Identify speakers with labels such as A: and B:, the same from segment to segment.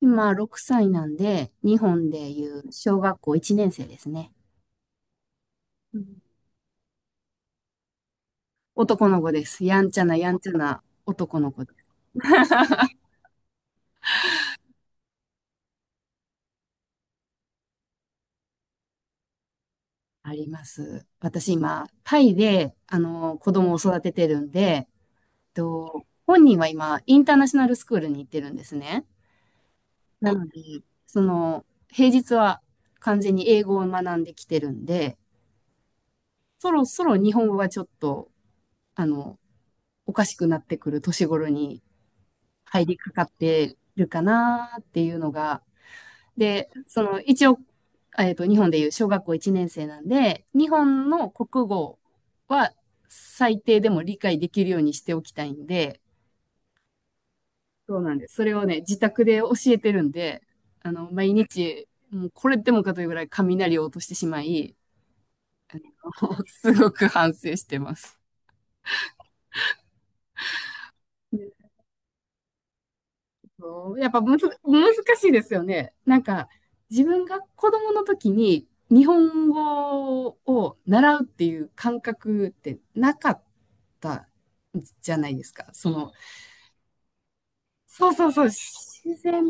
A: 今、6歳なんで、日本でいう小学校1年生ですね。うん。男の子です。やんちゃなやんちゃな男の子です。あります。私今、タイで、子供を育ててるんで、本人は今、インターナショナルスクールに行ってるんですね。なので、平日は完全に英語を学んできてるんで、そろそろ日本語がちょっと、あの、おかしくなってくる年頃に入りかかってるかなっていうのが。で、一応、日本でいう小学校1年生なんで、日本の国語は最低でも理解できるようにしておきたいんで、そうなんです。それをね、自宅で教えてるんで、毎日、もうこれでもかというぐらい雷を落としてしまい、すごく反省してます。そうやっぱむず、難しいですよね。なんか、自分が子供の時に日本語を習うっていう感覚ってなかったじゃないですか。そうそうそう、自然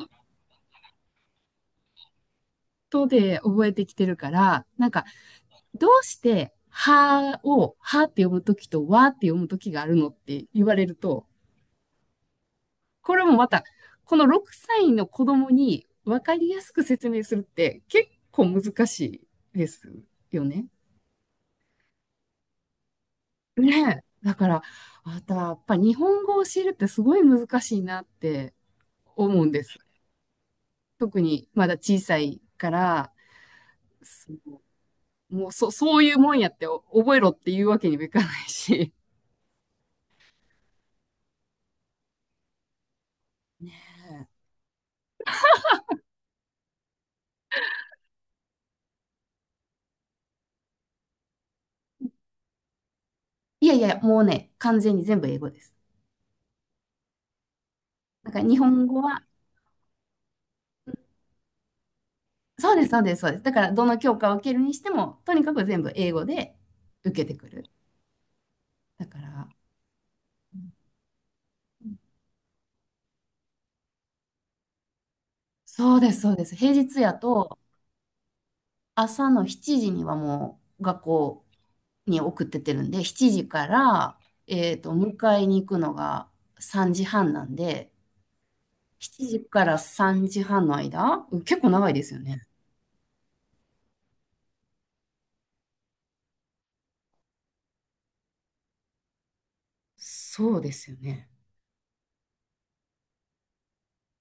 A: とで覚えてきてるから、なんか、どうして、はを、はって読む時と、わって読む時があるのって言われると、これもまた、この6歳の子供に分かりやすく説明するって結構難しいですよね。ねえ。だから、また、やっぱ日本語を教えるってすごい難しいなって思うんです。特にまだ小さいから、そう、もうそういうもんやってお覚えろっていうわけにもいかないし。ねえ。いやいや、もうね、完全に全部英語です。だから日本語は。そうです、そうです、そうです。だから、どの教科を受けるにしても、とにかく全部英語で受けてくる。だから、うん、そうです、そうです。平日やと、朝の7時にはもう学校に送ってってるんで、7時から、迎えに行くのが3時半なんで、7時から3時半の間、うん、結構長いですよね。そうですよね。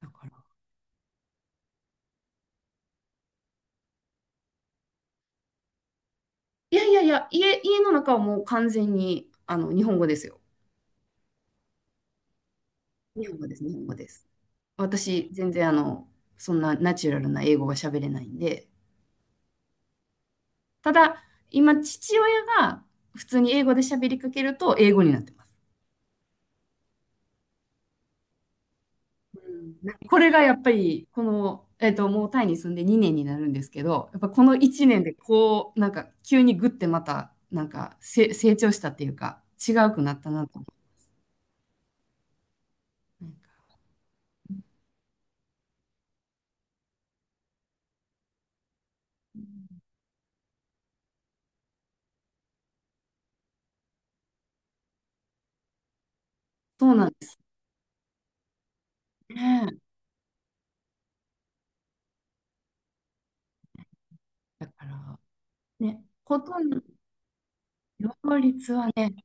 A: だから。いやいやいや、家の中はもう完全に、日本語ですよ。日本語です、日本語です。私、全然そんなナチュラルな英語が喋れないんで、ただ、今、父親が普通に英語で喋りかけると、英語になってます。うん。これがやっぱり、この、もうタイに住んで2年になるんですけど、やっぱこの1年で、こう、なんか、急にグッてまた、なんか成長したっていうか、違うくなったなと思う。なんかそうなんですね。だから、ね、ほとんど、両立はね、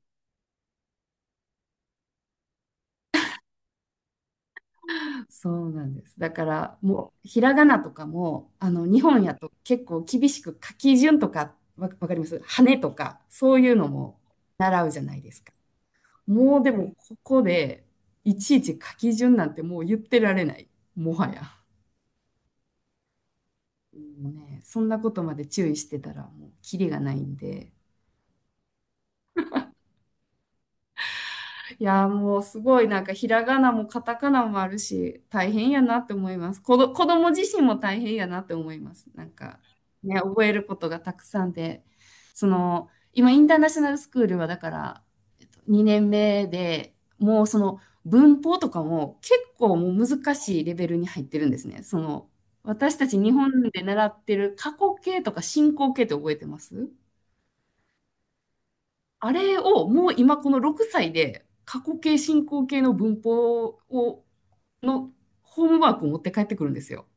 A: そうなんです。だからもうひらがなとかも日本やと結構厳しく書き順とか、わかります羽とかそういうのも習うじゃないですか。もうでもここでいちいち書き順なんてもう言ってられない。もはや。もうね、そんなことまで注意してたらもうキリがないんで。いやー、もうすごいなんかひらがなもカタカナもあるし、大変やなって思います。子供自身も大変やなって思います。なんかね、覚えることがたくさんで、今インターナショナルスクールはだから、2年目でもうその文法とかも結構もう難しいレベルに入ってるんですね。私たち日本で習ってる過去形とか進行形って覚えてます？あれをもう今この6歳で過去形進行形の文法のホームワークを持って帰ってくるんですよ。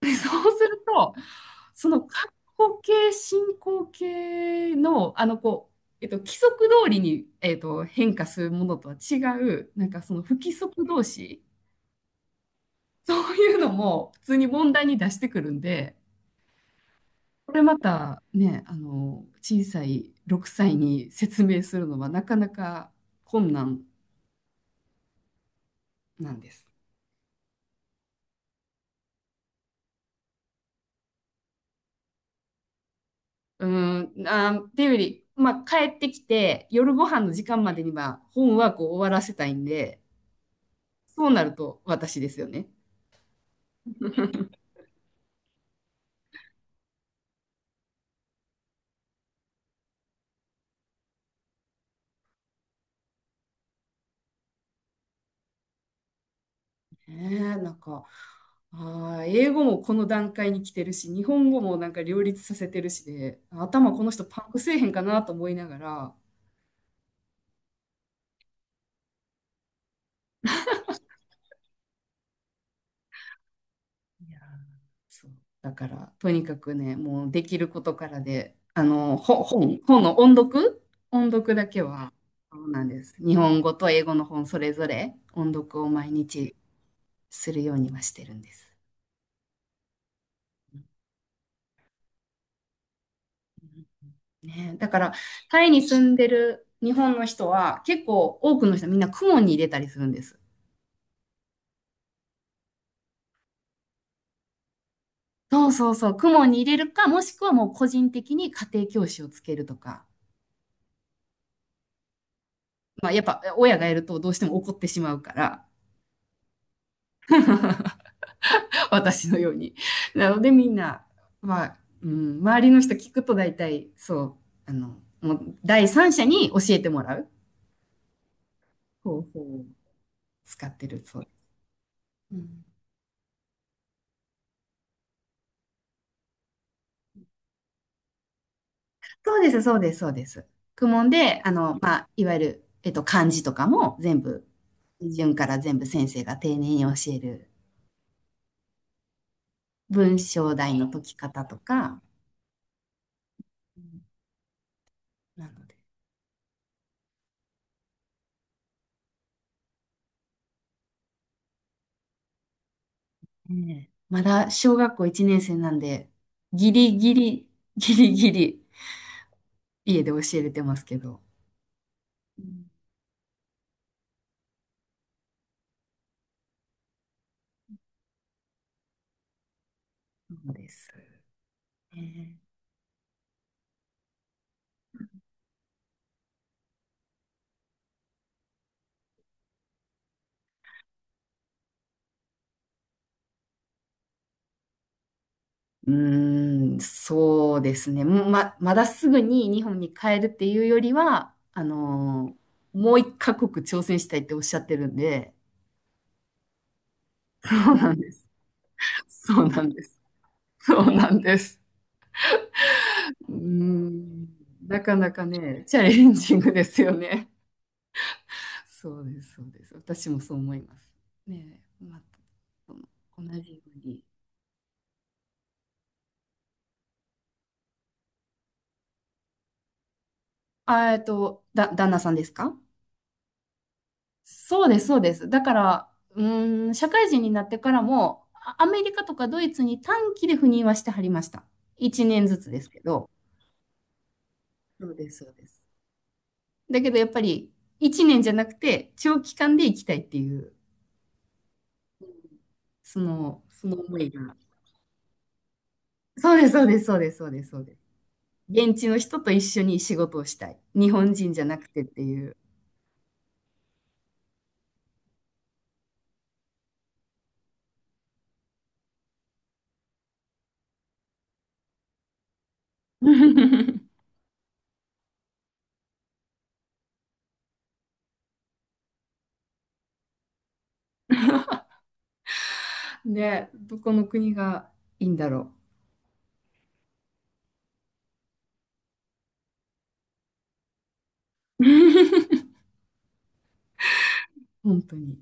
A: でそうするとその過去形進行形のこう、規則通りに、変化するものとは違うなんかその不規則動詞、そういうのも普通に問題に出してくるんで、これまたね小さい6歳に説明するのはなかなか困難なんです。うん、っていうより、まあ、帰ってきて、夜ご飯の時間までには本ワークを終わらせたいんで、そうなると私ですよね。なんか、英語もこの段階に来てるし、日本語もなんか両立させてるしで、頭この人パンクせえへんかなと思いながら、いやー、だから、とにかくね、もうできることからで、本の音読、音読だけは、そうなんです。日本語と英語の本それぞれ音読を毎日するようにはしてるんです。ね、だから、タイに住んでる日本の人は、結構多くの人はみんな公文に入れたりするんです。そうそうそう、公文に入れるか、もしくはもう個人的に家庭教師をつけるとか。まあ、やっぱ親がやるとどうしても怒ってしまうから、私のように。なのでみんな、まあ、うん、周りの人聞くと大体、そう、もう第三者に教えてもらう方法を使ってる、そうです。うん。そうです、そうです、そうです。公文で、まあ、いわゆる、漢字とかも全部、順から全部先生が丁寧に教える、文章題の解き方とか、うん。なので、ね、まだ小学校1年生なんで、ギリギリ、ギリギリ、家で教えれてますけど、うん。そうです。ね。うーん、そうですね。まだすぐに日本に帰るっていうよりは、もう一カ国挑戦したいっておっしゃってるんで、そうなんです。そうなんです。そうなんです。うーん、なかなかね、チャレンジングですよね。そうです、そうです。私もそう思います。ねえ、まあ、同じように。旦那さんですか？そうです、そうです。だから、うーん、社会人になってからも、アメリカとかドイツに短期で赴任はしてはりました。1年ずつですけど。そうです、そうです。だけどやっぱり、1年じゃなくて、長期間で行きたいっていう、その思いが。そうです、そうです、そうです、そうです、そうです。現地の人と一緒に仕事をしたい。日本人じゃなくてっていう。ね、どこの国がいいんだろう。本当に。